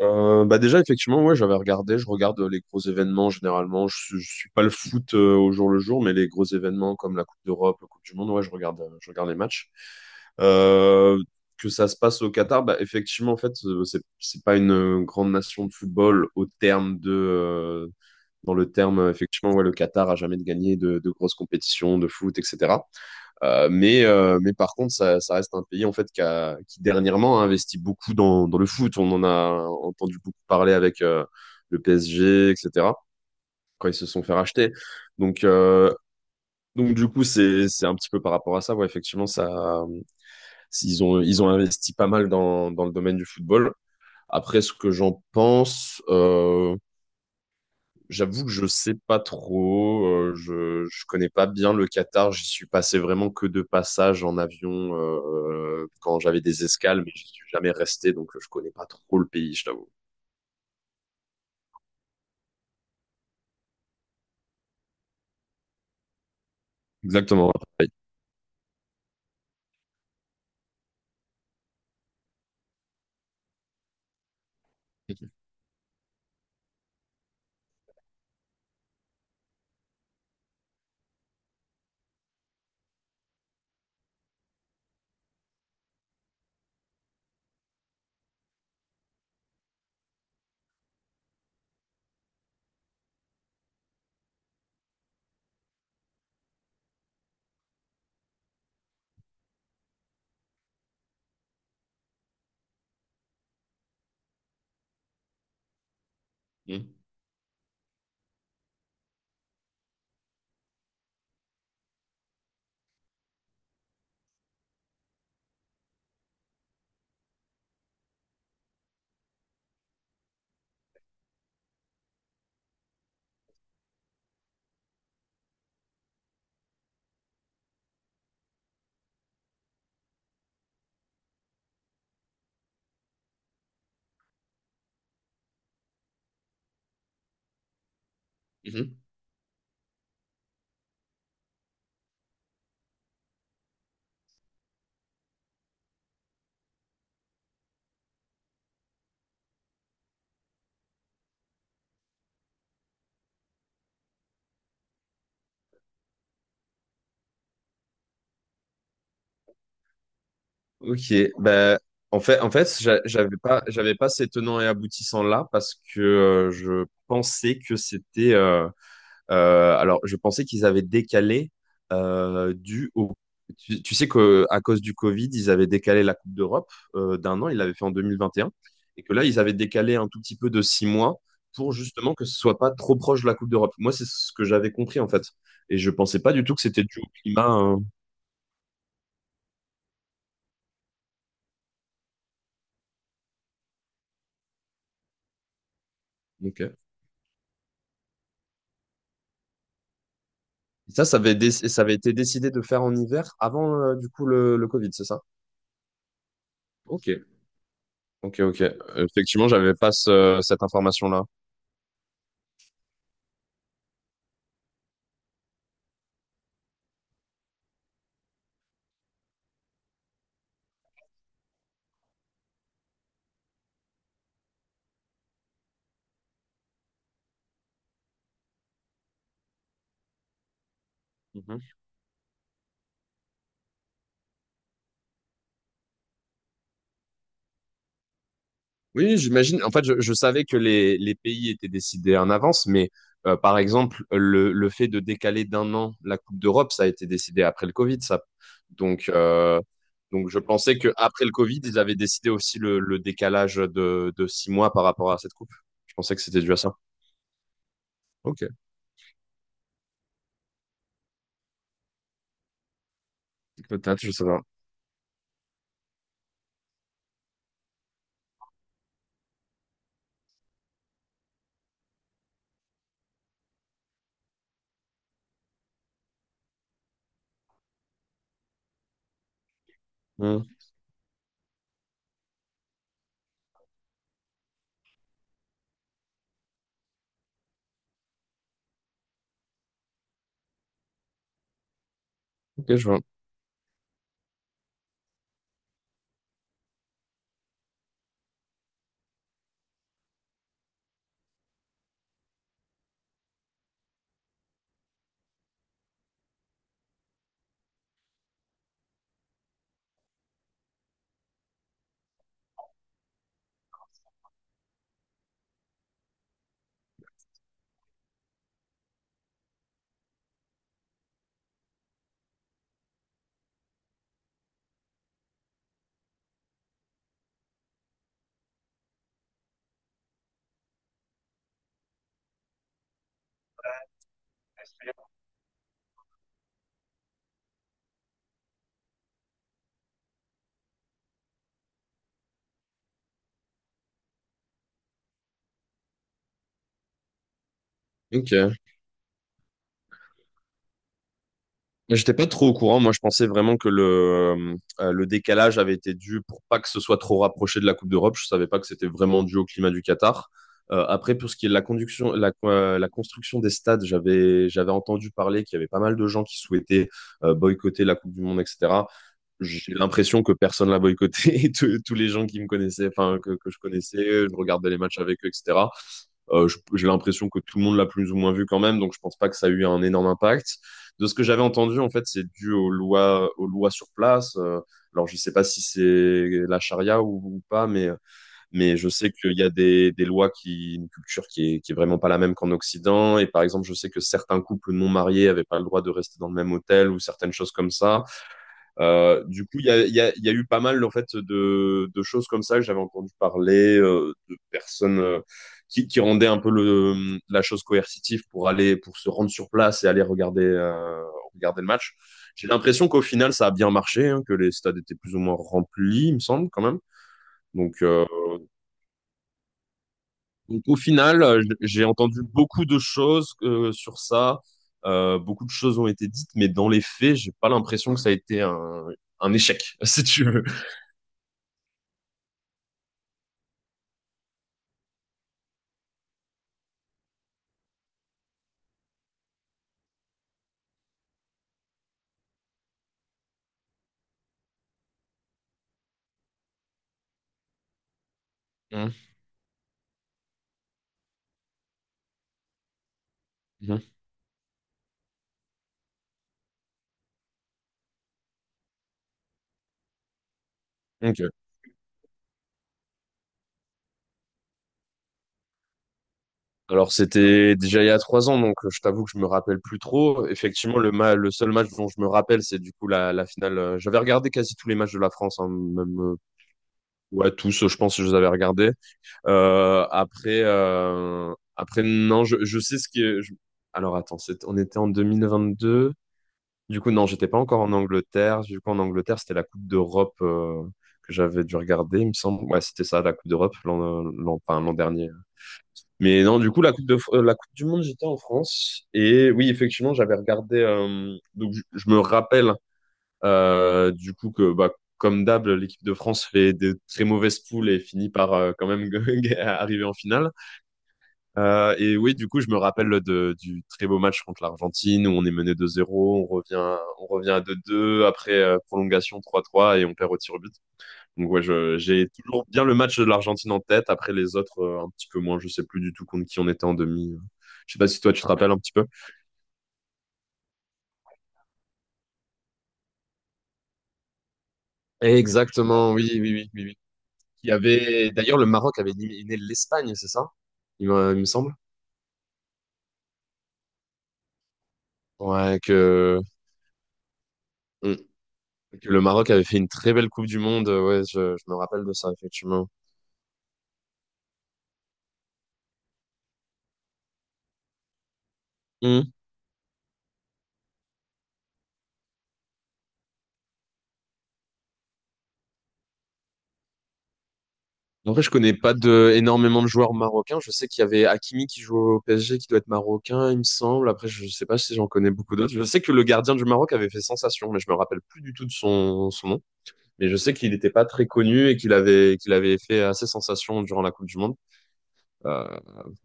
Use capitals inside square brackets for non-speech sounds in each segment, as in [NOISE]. Bah déjà, effectivement, ouais, j'avais regardé, je regarde les gros événements généralement. Je suis pas le foot au jour le jour, mais les gros événements comme la Coupe d'Europe, la Coupe du Monde, ouais, je regarde les matchs. Euh, que ça se passe au Qatar, bah effectivement, en fait, c'est pas une grande nation de football au terme de, dans le terme, effectivement, ouais, le Qatar a jamais gagné de grosses compétitions de foot, etc. Mais par contre, ça reste un pays en fait qui dernièrement a investi beaucoup dans le foot. On en a entendu beaucoup parler avec le PSG, etc. Quand ils se sont fait racheter. Donc, euh, donc du coup, c'est un petit peu par rapport à ça. Ouais, effectivement, ça, ils ont investi pas mal dans le domaine du football. Après, ce que j'en pense, j'avoue que je sais pas trop, je connais pas bien le Qatar, j'y suis passé vraiment que de passage en avion quand j'avais des escales, mais j'y suis jamais resté, donc je connais pas trop le pays, je t'avoue. Exactement. Pareil. Mhm. Mhm. Ok, ben en fait, j'avais pas ces tenants et aboutissants là parce que je pensais que c'était. Alors, je pensais qu'ils avaient décalé dû au. Tu sais qu'à cause du Covid, ils avaient décalé la Coupe d'Europe d'un an, ils l'avaient fait en 2021, et que là, ils avaient décalé un tout petit peu de 6 mois pour justement que ce soit pas trop proche de la Coupe d'Europe. Moi, c'est ce que j'avais compris en fait, et je pensais pas du tout que c'était dû au climat. Ok. Et ça, ça avait été décidé de faire en hiver avant du coup le Covid, c'est ça? Ok, ok, ok. Effectivement, j'avais pas cette information-là. Oui, j'imagine. En fait, je savais que les pays étaient décidés en avance, mais par exemple, le fait de décaler d'un an la Coupe d'Europe, ça a été décidé après le Covid, ça. Donc, euh, donc je pensais que après le Covid, ils avaient décidé aussi le décalage de 6 mois par rapport à cette coupe. Je pensais que c'était dû à ça. Ok, peut-être, je sais pas. Hmm, ok, je vois. Ok. J'étais pas trop au courant. Moi, je pensais vraiment que le décalage avait été dû pour pas que ce soit trop rapproché de la Coupe d'Europe. Je savais pas que c'était vraiment dû au climat du Qatar. Après, pour ce qui est de la conduction, la construction des stades, j'avais entendu parler qu'il y avait pas mal de gens qui souhaitaient boycotter la Coupe du Monde, etc. J'ai l'impression que personne l'a boycotté. [LAUGHS] Tous les gens qui me connaissaient, enfin, que je connaissais, je regardais les matchs avec eux, etc. Euh, J'ai l'impression que tout le monde l'a plus ou moins vu quand même, donc je pense pas que ça a eu un énorme impact. De ce que j'avais entendu, en fait, c'est dû aux lois sur place. Alors, je sais pas si c'est la charia ou pas, mais je sais qu'il y a des lois qui, une culture qui est vraiment pas la même qu'en Occident. Et par exemple, je sais que certains couples non mariés avaient pas le droit de rester dans le même hôtel ou certaines choses comme ça. Du coup, il y a eu pas mal en fait de choses comme ça que j'avais entendu parler de personnes qui rendaient un peu la chose coercitive pour aller pour se rendre sur place et aller regarder le match. J'ai l'impression qu'au final, ça a bien marché, hein, que les stades étaient plus ou moins remplis, il me semble quand même. Donc, euh, donc au final, j'ai entendu beaucoup de choses sur ça. Beaucoup de choses ont été dites, mais dans les faits, j'ai pas l'impression que ça a été un échec, [LAUGHS] si tu veux. Mhm. Ok. Alors c'était déjà il y a 3 ans, donc je t'avoue que je me rappelle plus trop. Effectivement, le seul match dont je me rappelle, c'est du coup la finale. J'avais regardé quasi tous les matchs de la France, hein, même ouais tous, je pense que je les avais regardés. Après non, je sais ce qui. Est- je- Alors attends, on était en 2022. Du coup non, j'étais pas encore en Angleterre. Du coup en Angleterre, c'était la Coupe d'Europe que j'avais dû regarder, il me semble. Ouais, c'était ça, la Coupe d'Europe l'an dernier. Mais non, du coup, la Coupe du Monde, j'étais en France. Et oui, effectivement, j'avais regardé. Donc, je me rappelle du coup que, bah, comme d'hab, l'équipe de France fait des très mauvaises poules et finit par quand même [LAUGHS] arriver en finale. Et oui, du coup, je me rappelle du très beau match contre l'Argentine où on est mené 2 zéro, on revient à deux 2 après prolongation 3-3 et on perd au tir au but. Donc ouais, j'ai toujours bien le match de l'Argentine en tête. Après les autres, un petit peu moins. Je sais plus du tout contre qui on était en demi. Je sais pas si toi tu te rappelles un petit peu. Exactement, oui, oui, oui, oui, oui. Il y avait d'ailleurs le Maroc avait éliminé l'Espagne, c'est ça? Il me semble. Ouais, mm, que le Maroc avait fait une très belle Coupe du Monde. Ouais, je me rappelle de ça effectivement. En vrai, je connais pas énormément de joueurs marocains. Je sais qu'il y avait Hakimi qui joue au PSG, qui doit être marocain, il me semble. Après, je sais pas si j'en connais beaucoup d'autres. Je sais que le gardien du Maroc avait fait sensation, mais je me rappelle plus du tout de son nom. Mais je sais qu'il n'était pas très connu et qu'il avait fait assez sensation durant la Coupe du Monde. Euh,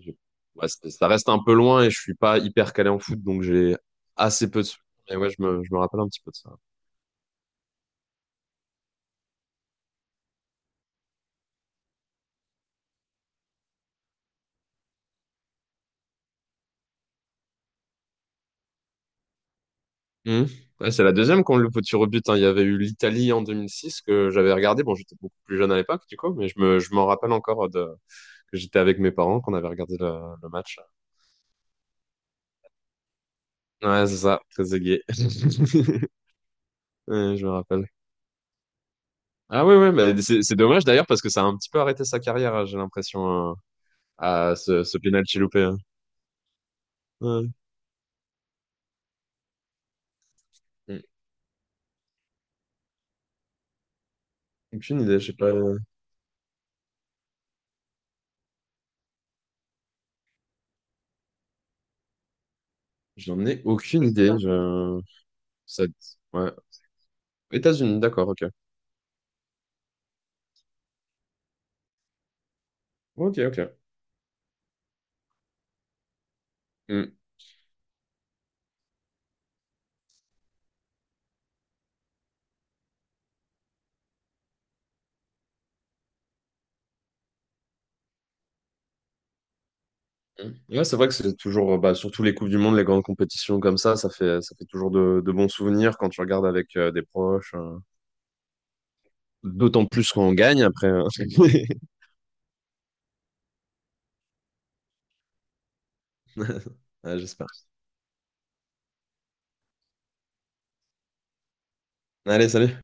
je- ouais, ça reste un peu loin et je suis pas hyper calé en foot, donc j'ai assez peu de. Souvenirs. Mais ouais, je me rappelle un petit peu de ça. Mhm. Ouais, c'est la deuxième qu'on le faut tirer au but, hein. Il y avait eu l'Italie en 2006 que j'avais regardé. Bon, j'étais beaucoup plus jeune à l'époque, du coup, mais je m'en rappelle encore que j'étais avec mes parents, qu'on avait regardé le match. Ouais, c'est ça, très égayé. [LAUGHS] Ouais, je me rappelle. Ah oui, oui, mais c'est dommage d'ailleurs parce que ça a un petit peu arrêté sa carrière, hein, j'ai l'impression, à ce penalty loupé, hein. Ouais. Mhm. Aucune idée, je sais pas. J'en ai aucune idée. Je... Ça... Ouais. États-Unis, d'accord, ok. Ok, ok. Mm. Ouais, c'est vrai que c'est toujours, bah, surtout les Coupes du Monde, les grandes compétitions comme ça, ça fait toujours de bons souvenirs quand tu regardes avec des proches. D'autant plus quand on gagne après. [LAUGHS] Ouais, j'espère. Allez, salut.